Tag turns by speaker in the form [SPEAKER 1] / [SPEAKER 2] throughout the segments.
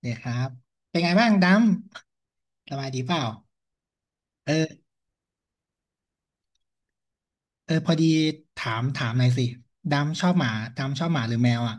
[SPEAKER 1] เดี๋ยวครับเป็นไงบ้างดำสบายดีเปล่าเออเออพอดีถามหน่อยสิดำชอบหมาดำชอบหมาหรือแมวอ่ะ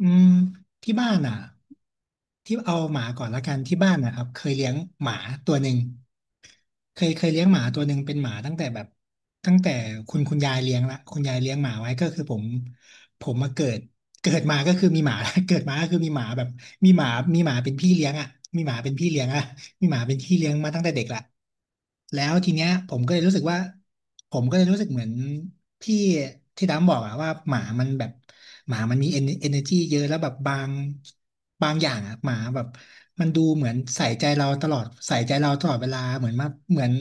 [SPEAKER 1] อืมที่บ้านอ่ะที่เอาหมาก่อนละกันที่บ้านนะครับเคยเลี้ยงหมาตัวหนึ่งเคยเลี้ยงหมาตัวหนึ่งเป็นหมาตั้งแต่แบบตั้งแต่คุณยายเลี้ยงละคุณยายเลี้ยงหมาไว้ก็คือผมผมมาเกิด เกิดมาก็คือมีหมา เกิดมาก็คือมีหมาแบบมีหมามีหมาเป็นพี่เลี้ยงอ่ะมีหมาเป็นพี่เลี้ยงอ่ะมีหมาเป็นพี่เลี้ยงมาตั้งแต่เด็กละแล้วทีเนี้ยผมก็เลยรู้สึกว่าผมก็เลยรู้สึกเหมือนพี่ที่ดำบอกอะว่าหมามันแบบหมามันมีเอเนอร์จีเยอะแล้วแบบบางบางอย่างอะหมาแบบมันดูเหมือนใส่ใจเราตลอดเวลาเหมือนมาเหมือน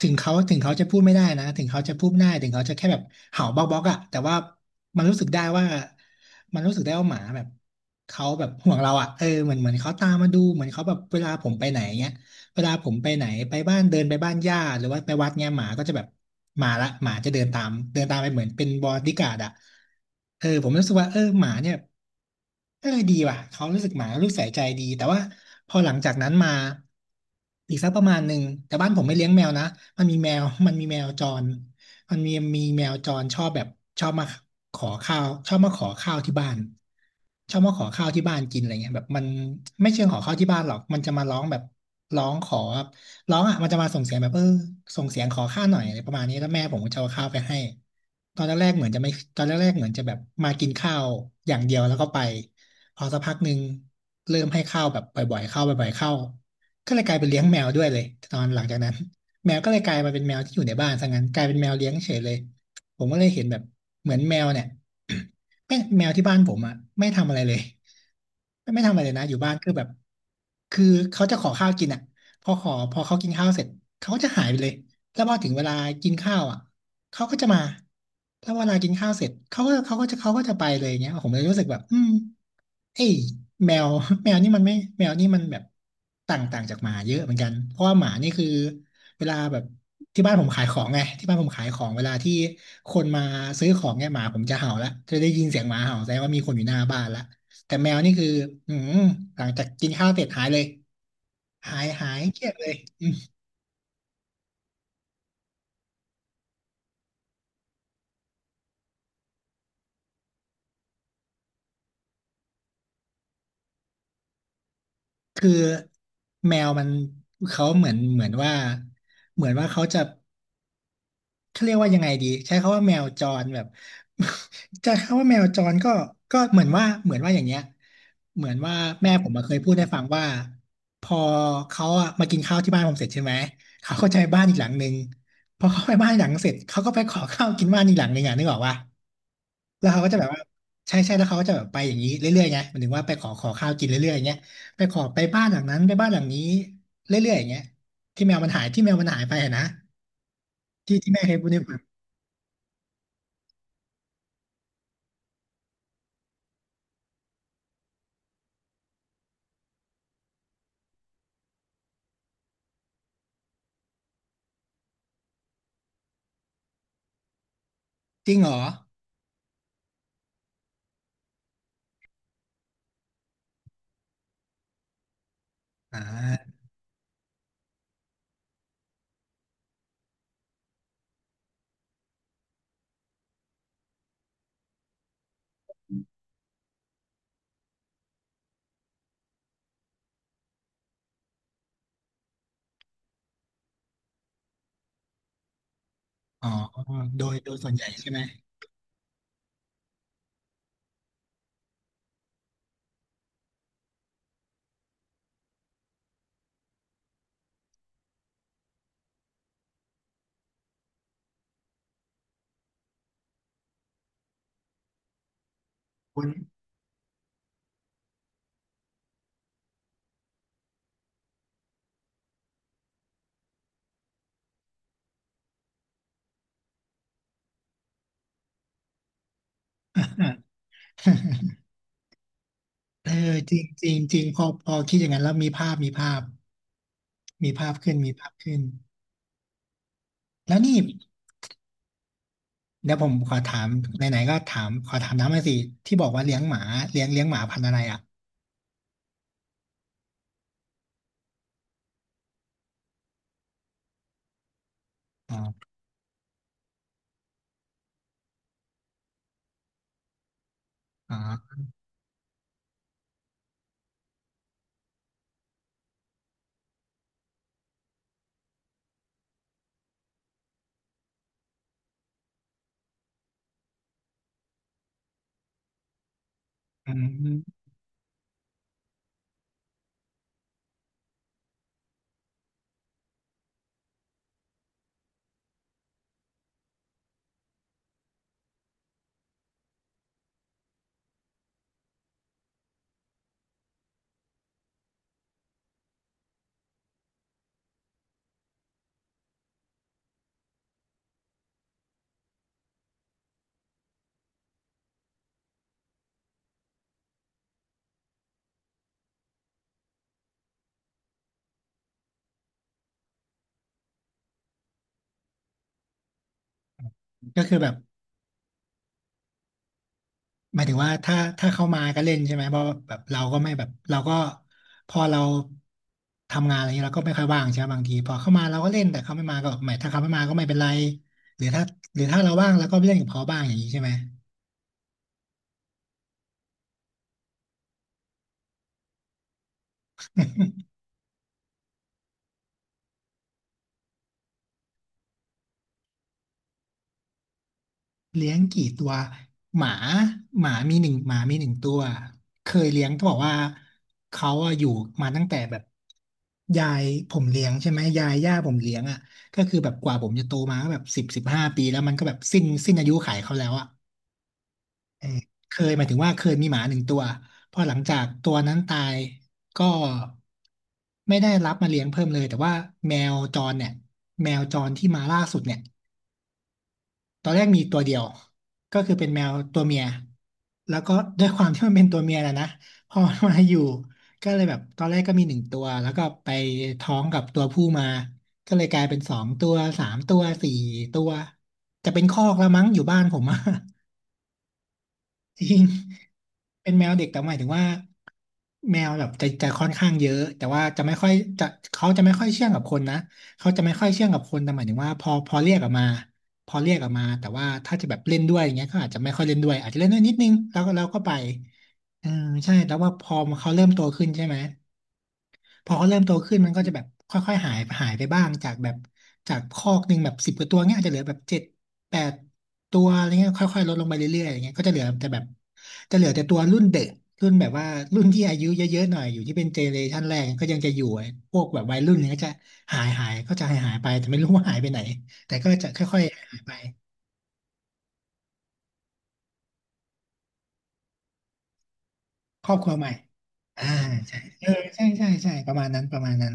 [SPEAKER 1] ถึงเขาจะพูดไม่ได้ถึงเขาจะแค่แบบเห่าบ๊อกบ๊อกอะแต่ว่ามันรู้สึกได้ว่า มันรู้สึกได้ว่าหมาแบบเขาแบบห่วงเราอ่ะเออเหมือนเขาตามมาดูเหมือนเขาแบบเวลาผมไปไหนเงี้ยเวลาผมไปไหนไปบ้านเดินไปบ้านญาติหรือว่าไปวัดเงี้ยหมาก็จะแบบมาละหมาจะเดินตามไปเหมือนเป็นบอดี้การ์ดอ่ะเออผมรู้สึกว่าเออหมาเนี่ยเออดีว่ะเขารู้สึกหมารู้สึกใส่ใจดีแต่ว่าพอหลังจากนั้นมาอีกสักประมาณหนึ่งแต่บ้านผมไม่เลี้ยงแมวนะมันมีแมวมันมีแมวจร มันมีมีแมวจรชอบแบบชอบมาขอข้าวชอบมาขอข้าวที่บ้านกินอะไรเงี้ยแบบมันไม่เชิงขอข้าวที่บ้านหรอกมันจะมาร้องแบบร้องขอแบบร้องอ่ะมันจะมาส่งเสียงแบบเออส่งเสียงขอข้าวหน่อยอะไรประมาณนี้แล้วแม่ผมก็จะเอาข้าวไปให้ตอนแรกๆเหมือนจะไม่ตอนแรกๆเหมือนจะแบบมากินข้าวอย่างเดียวแล้วก็ไปพอสักพักหนึ่งเริ่มให้ข้าวแบบบ่อยๆข้าวบ่อยๆข้าวก็เลยกลายเป็นเลี้ยงแมวด้วยเลยตอนหลังจากนั้น แมวก็เลยกลายมาเป็นแมวที่อยู่ในบ้านซะงั้นกลายเป็นแมวเลี้ยงเฉยเลยผมก็เลยเห็นแบบเหมือนแมวเนี่ย แม่งแมวที่บ้านผมอ่ะไม่ทำอะไรเลยไม่ทำอะไรเลยนะอยู่บ้านคือแบบคือเขาจะขอข้าวกินอ่ะพอเขากินข้าวเสร็จเขาก็จะหายไปเลยแล้วพอถึงเวลากินข้าวอ่ะเขาก็จะมาแล้วเวลากินข้าวเสร็จเขาก็จะไปเลยอย่างเงี้ยผมเลยรู้สึกแบบอืมเอ้ยแมว แมวนี่มันไม่แมวนี่มันแบบต่างต่างจากหมาเยอะเหมือนกันเพราะว่าหมานี่คือ เวลาแบบที่บ้านผมขายของไงที่บ้านผมขายของเวลาที่คนมาซื้อของเนี่ยหมาผมจะเห่าละจะได้ยินเสียงหมาเห่าแสดงว่ามีคนอยู่หน้าบ้านละแต่แมวนี่คืออืมหลังจากกินข้าวเสร็จหายเลยหายเกลียดเลยคือแมวมันเขาเหมือนว่าเขาจะ เขาเรียกว่ายังไงดีใช้คำว่าแมวจรแบบ จะคำว่าแมวจรก็ก็เหมือนว่าอย่างเงี้ยเหมือนว่าแม่ผมมาเคยพูดให้ฟังว่าพอเขาอะมากินข้าวที่บ้านผมเสร็จใช่ไหมเขาก็จะไปบ้านอีกหลังนึงพอเขาไปบ้านอีกหลังเสร็จเขาก็ไปขอข้าวกินบ้านอีกหลังนึงอ่ะนึกออกว่าแล้วเขาก็จะแบบว่าใช่ใช่แล้วเขาก็จะแบบไปอย่างนี้เรื่อยๆไงหมายถึงว่าไปขอข้าวกินเรื่อยๆอย่างเงี้ยไปขอไปบ้านหลังนั้นไปบ้านหลังนี้เรื่อยๆอย่างเงี้ยที่แมวมันหายไปอะนะที่แม่เคยพูดให้ฟังจริงเหรอ อ่าอ๋อโดยส่วนใหญ่ใช่ไหมคุณ เออจริงจริงจริงพอพอคิดอย่างนั้นแล้วมีภาพมีภาพขึ้นแล้วนี่เดี๋ยวผมขอถามไหนๆก็ถามขอถามน้ำมาสิที่บอกว่าเลี้ยงหมาเลี้ยงหมาพันธุ์อะไรอ่ะอ๋ออ๋ออืมก็คือแบบ หมายถึงว่าถ้าเขามาก็เล่นใช่ไหมเพราะแบบเราก็ไม่แบบเราก็พอเราทำงานอะไรเงี้ยเราก็ไม่ค่อยว่างใช่ไหมบางทีพอเข้ามาเราก็เล่นแต่เขาไม่มาก็หมายถ้าเขาไม่มาก็ไม่เป็นไรหรือถ้าเราว่างเราก็ไปเล่นกับเขาบ้างอย่างนี้ใช่ไหมเลี้ยงกี่ตัวหมาหมามีหนึ่งตัวเคยเลี้ยงบอกว่าเขาอะอยู่มาตั้งแต่แบบยายผมเลี้ยงใช่ไหมยายย่าผมเลี้ยงอ่ะก็คือแบบกว่าผมจะโตมาก็แบบ15 ปีแล้วมันก็แบบสิ้นอายุขัยเขาแล้วอะ เออเคยหมายถึงว่าเคยมีหมาหนึ่งตัวพอหลังจากตัวนั้นตายก็ไม่ได้รับมาเลี้ยงเพิ่มเลยแต่ว่าแมวจรเนี่ยแมวจรที่มาล่าสุดเนี่ยตอนแรกมีตัวเดียวก็คือเป็นแมวตัวเมียแล้วก็ด้วยความที่มันเป็นตัวเมียนะนะพอมันมาอยู่ก็เลยแบบตอนแรกก็มีหนึ่งตัวแล้วก็ไปท้องกับตัวผู้มาก็เลยกลายเป็นสองตัวสามตัวสี่ตัวจะเป็นคอกแล้วมั้งอยู่บ้านผมอะ จริง เป็นแมวเด็กแต่หมายถึงว่าแมวแบบจะค่อนข้างเยอะแต่ว่าจะไม่ค่อยจะเขาจะไม่ค่อยเชื่องกับคนนะเขาจะไม่ค่อยเชื่องกับคนแต่หมายถึงว่าพอเรียกออกมาพอเรียกออกมาแต่ว่าถ้าจะแบบเล่นด้วยอย่างเงี้ยก็อาจจะไม่ค่อยเล่นด้วยอาจจะเล่นด้วยนิดนึงแล้วก็ไปอืมใช่แล้วว่าพอเขาเริ่มโตขึ้นใช่ไหม พอเขาเริ่มโตขึ้นมันก็จะแบบค่อยๆหายไปบ้างจากแบบจากคอกหนึ่งแบบสิบกว่าตัวเงี้ยอาจจะเหลือแบบเจ็ดแปดตัวอะไรเงี้ยค่อยๆลดลงไปเรื่อยๆอย่างเงี้ยก็จะเหลือแต่แบบจะเหลือแต่ตัวรุ่นเด็กรุ่นแบบว่ารุ่นที่อายุเยอะๆหน่อยอยู่ที่เป็นเจเนเรชันแรกก็ยังจะอยู่พวกแบบวัยรุ่นเนี่ยก็จะหายไปแต่ไม่รู้ว่าหายไปไหนแต่ก็จะค่อยๆหายไปครอบครัวใหม่อ่าใช่เออใช่ใช่ใช่ประมาณนั้นประมาณนั้น